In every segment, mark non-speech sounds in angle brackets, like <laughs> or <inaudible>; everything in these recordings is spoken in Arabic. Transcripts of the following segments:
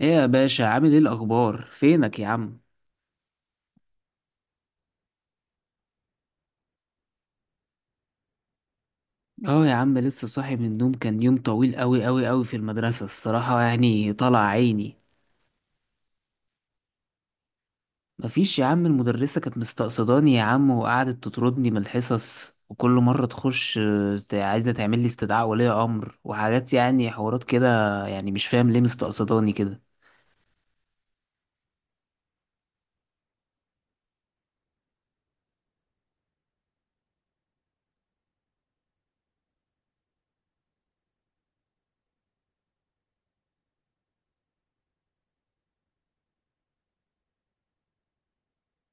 ايه يا باشا؟ عامل ايه؟ الاخبار؟ فينك يا عم؟ اه يا عم، لسه صاحي من النوم. كان يوم طويل قوي قوي قوي في المدرسة. الصراحة طلع عيني. مفيش يا عم، المدرسة كانت مستقصداني يا عم، وقعدت تطردني من الحصص، وكل مرة تخش عايزة تعمل لي استدعاء ولي امر وحاجات، يعني حوارات كده. يعني مش فاهم ليه مستقصداني كده.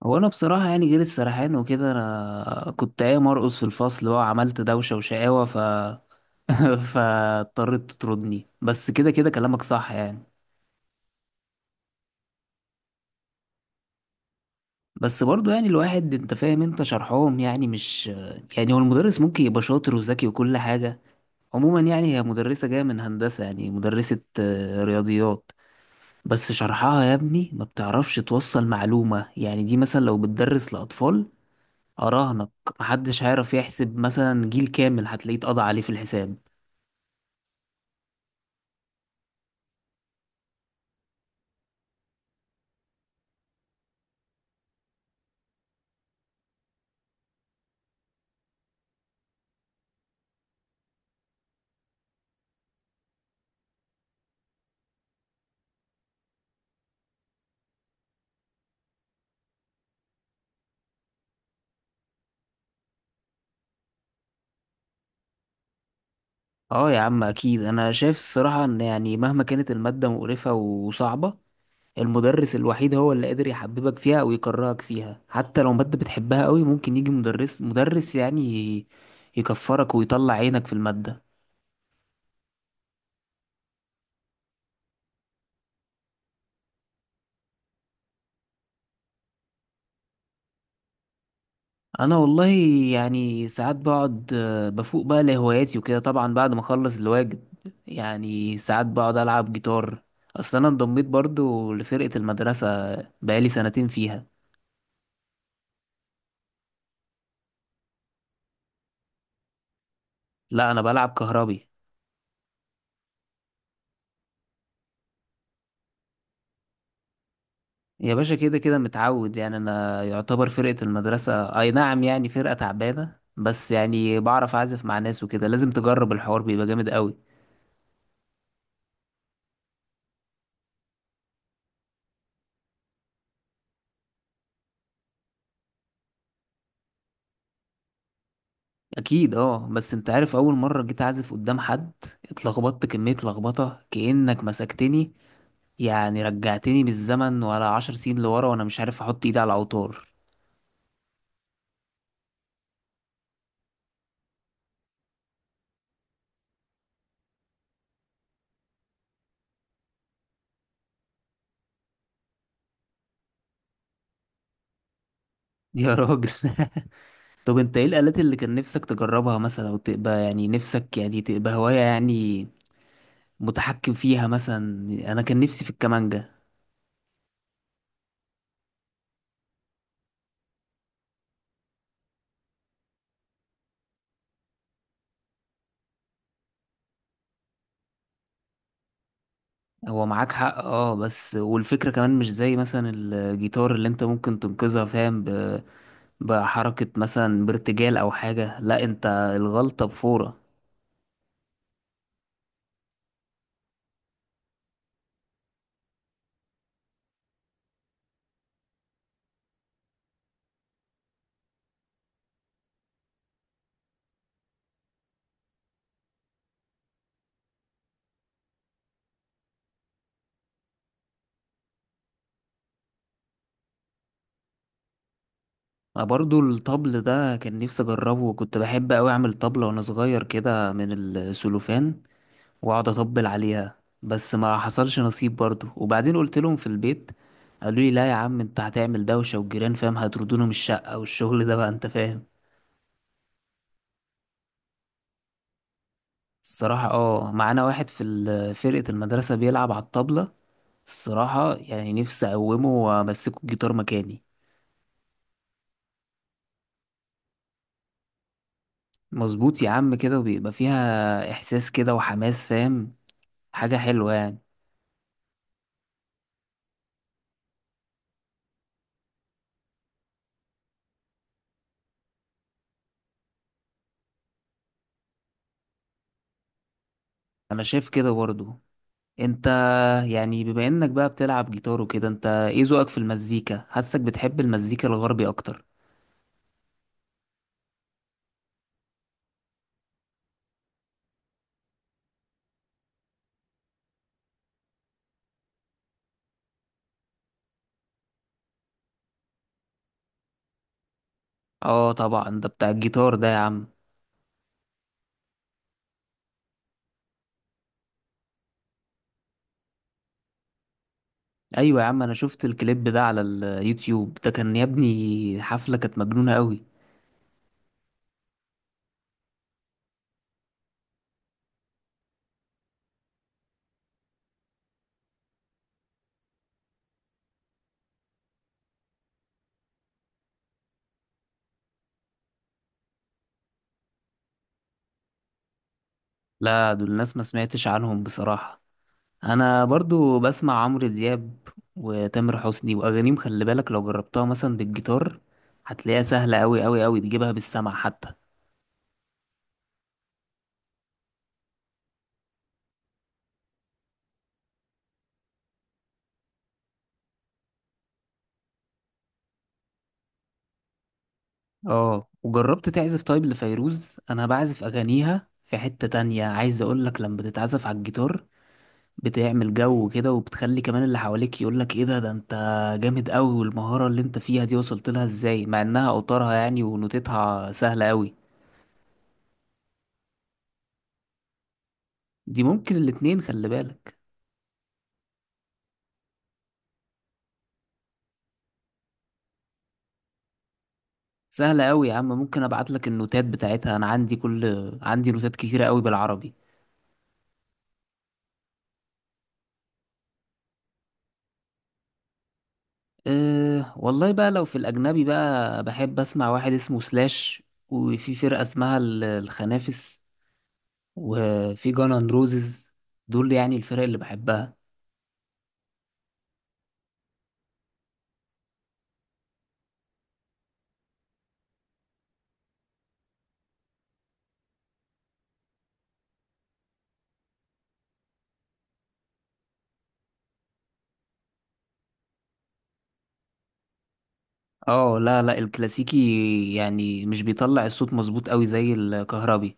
هو انا بصراحة يعني غير السرحان وكده، انا كنت قايم ارقص في الفصل بقى، وعملت دوشة وشقاوة <laughs> فاضطرت تطردني، بس كده كده كلامك صح يعني. بس برضو يعني الواحد، انت فاهم، انت شرحهم يعني مش، يعني هو المدرس ممكن يبقى شاطر وذكي وكل حاجة. عموما يعني هي مدرسة جاية من هندسة، يعني مدرسة رياضيات، بس شرحها يا ابني ما بتعرفش توصل معلومة. يعني دي مثلا لو بتدرس لأطفال، أراهنك محدش هيعرف يحسب. مثلا جيل كامل هتلاقيه اتقضى عليه في الحساب. اه يا عم اكيد، انا شايف الصراحة ان يعني مهما كانت المادة مقرفة وصعبة، المدرس الوحيد هو اللي قادر يحببك فيها او يكرهك فيها. حتى لو مادة بتحبها قوي ممكن يجي مدرس يكفرك ويطلع عينك في المادة. انا والله يعني ساعات بقعد، بفوق بقى لهواياتي وكده، طبعا بعد ما اخلص الواجب. يعني ساعات بقعد العب جيتار. اصل انا انضميت برضو لفرقة المدرسة، بقالي 2 سنين فيها. لا انا بلعب كهربي. يا باشا كده كده متعود. يعني انا يعتبر فرقة المدرسة اي نعم يعني فرقة تعبانة، بس يعني بعرف اعزف مع ناس وكده. لازم تجرب، الحوار بيبقى جامد قوي. اكيد اه، بس انت عارف اول مرة جيت اعزف قدام حد اتلخبطت كمية لخبطة كأنك مسكتني، يعني رجعتني بالزمن ولا 10 سنين لورا، وانا مش عارف احط ايدي على الاوتار. يا راجل <laughs> طب انت ايه الآلات اللي كان نفسك تجربها مثلا، او تبقى يعني نفسك يعني تبقى هواية يعني متحكم فيها مثلا؟ انا كان نفسي في الكمانجة. هو معاك حق اه، بس والفكرة كمان مش زي مثلا الجيتار اللي انت ممكن تنقذها، فاهم، بحركة مثلا بارتجال او حاجة. لا، انت الغلطة بفورة. انا برضو الطبل ده كان نفسي اجربه. كنت بحب اوي اعمل طبلة وانا صغير كده من السلوفان واقعد اطبل عليها، بس ما حصلش نصيب برضو. وبعدين قلت لهم في البيت قالوا لي لا يا عم انت هتعمل دوشة، والجيران، فاهم، هيطردونا من الشقة، والشغل ده بقى، انت فاهم. الصراحة اه، معانا واحد في فرقة المدرسة بيلعب على الطبلة. الصراحة يعني نفسي أقومه وأمسكه الجيتار مكاني. مظبوط يا عم كده، وبيبقى فيها إحساس كده وحماس، فاهم، حاجة حلوة يعني. أنا شايف كده برضو. أنت يعني بما إنك بقى بتلعب جيتار وكده، أنت إيه ذوقك في المزيكا؟ حاسك بتحب المزيكا الغربي أكتر. اه طبعا، ده بتاع الجيتار ده يا عم. أيوة يا عم، أنا شفت الكليب ده على اليوتيوب، ده كان يا ابني حفلة كانت مجنونة أوي. لا دول الناس ما سمعتش عنهم بصراحة. انا برضو بسمع عمرو دياب وتامر حسني. واغانيهم خلي بالك، لو جربتها مثلا بالجيتار هتلاقيها سهلة قوي قوي قوي، تجيبها بالسمع حتى. اه، وجربت تعزف طيب لفيروز؟ انا بعزف اغانيها، في حتة تانية عايز اقولك. لما بتتعزف على الجيتار بتعمل جو كده، وبتخلي كمان اللي حواليك يقولك ايه ده، ده انت جامد قوي، والمهارة اللي انت فيها دي وصلت لها ازاي، مع انها اوتارها يعني ونوتتها سهلة قوي. دي ممكن الاتنين، خلي بالك. سهلة أوي يا عم، ممكن أبعت لك النوتات بتاعتها. أنا عندي كل، عندي نوتات كتيرة أوي بالعربي. أه والله بقى، لو في الأجنبي بقى بحب أسمع واحد اسمه سلاش، وفي فرقة اسمها الخنافس، وفي جانان روزز. دول يعني الفرق اللي بحبها. اه لا لا، الكلاسيكي يعني مش بيطلع الصوت مظبوط أوي زي الكهربي.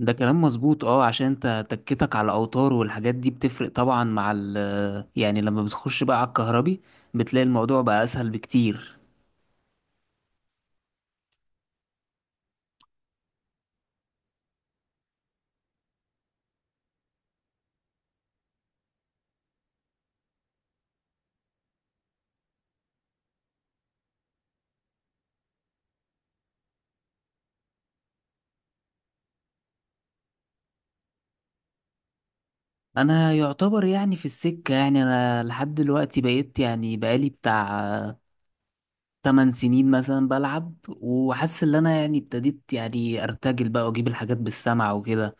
ده كلام مظبوط اه، عشان انت تكتك على اوتار، والحاجات دي بتفرق طبعا مع ال، يعني لما بتخش بقى على الكهربي بتلاقي الموضوع بقى اسهل بكتير. انا يعتبر يعني في السكة، يعني انا لحد دلوقتي بقيت، يعني بقالي بتاع 8 سنين مثلا بلعب، وحاسس ان انا يعني ابتديت يعني ارتجل بقى، واجيب الحاجات بالسمع وكده.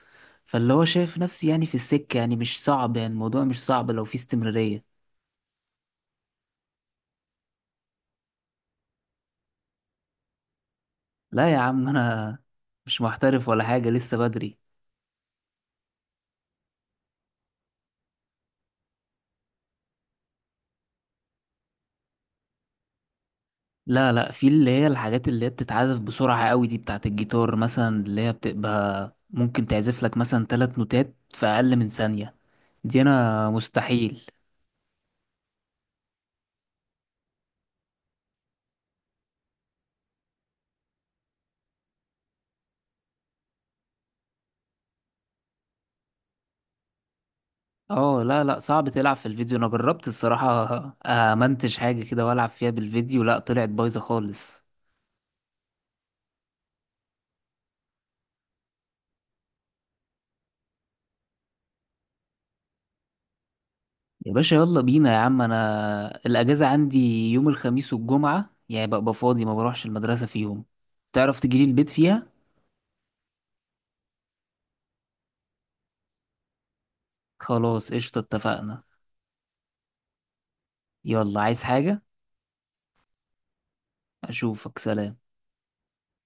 فاللي هو شايف نفسي يعني في السكة، يعني مش صعب، يعني الموضوع مش صعب لو في استمرارية. لا يا عم، انا مش محترف ولا حاجة، لسه بدري. لا لا، في اللي هي الحاجات اللي هي بتتعزف بسرعة قوي دي بتاعة الجيتار، مثلا اللي هي بتبقى ممكن تعزف لك مثلا 3 نوتات في أقل من ثانية، دي أنا مستحيل. اه لا لا، صعب تلعب في الفيديو. أنا جربت الصراحة أمنتج حاجة كده وألعب فيها بالفيديو، لا طلعت بايظة خالص. يا باشا يلا بينا يا عم. أنا الأجازة عندي يوم الخميس والجمعة، يعني ببقى فاضي ما بروحش المدرسة فيهم. تعرف تجيلي البيت فيها؟ خلاص قشطة، اتفقنا. يلا، عايز حاجة؟ أشوفك، سلام.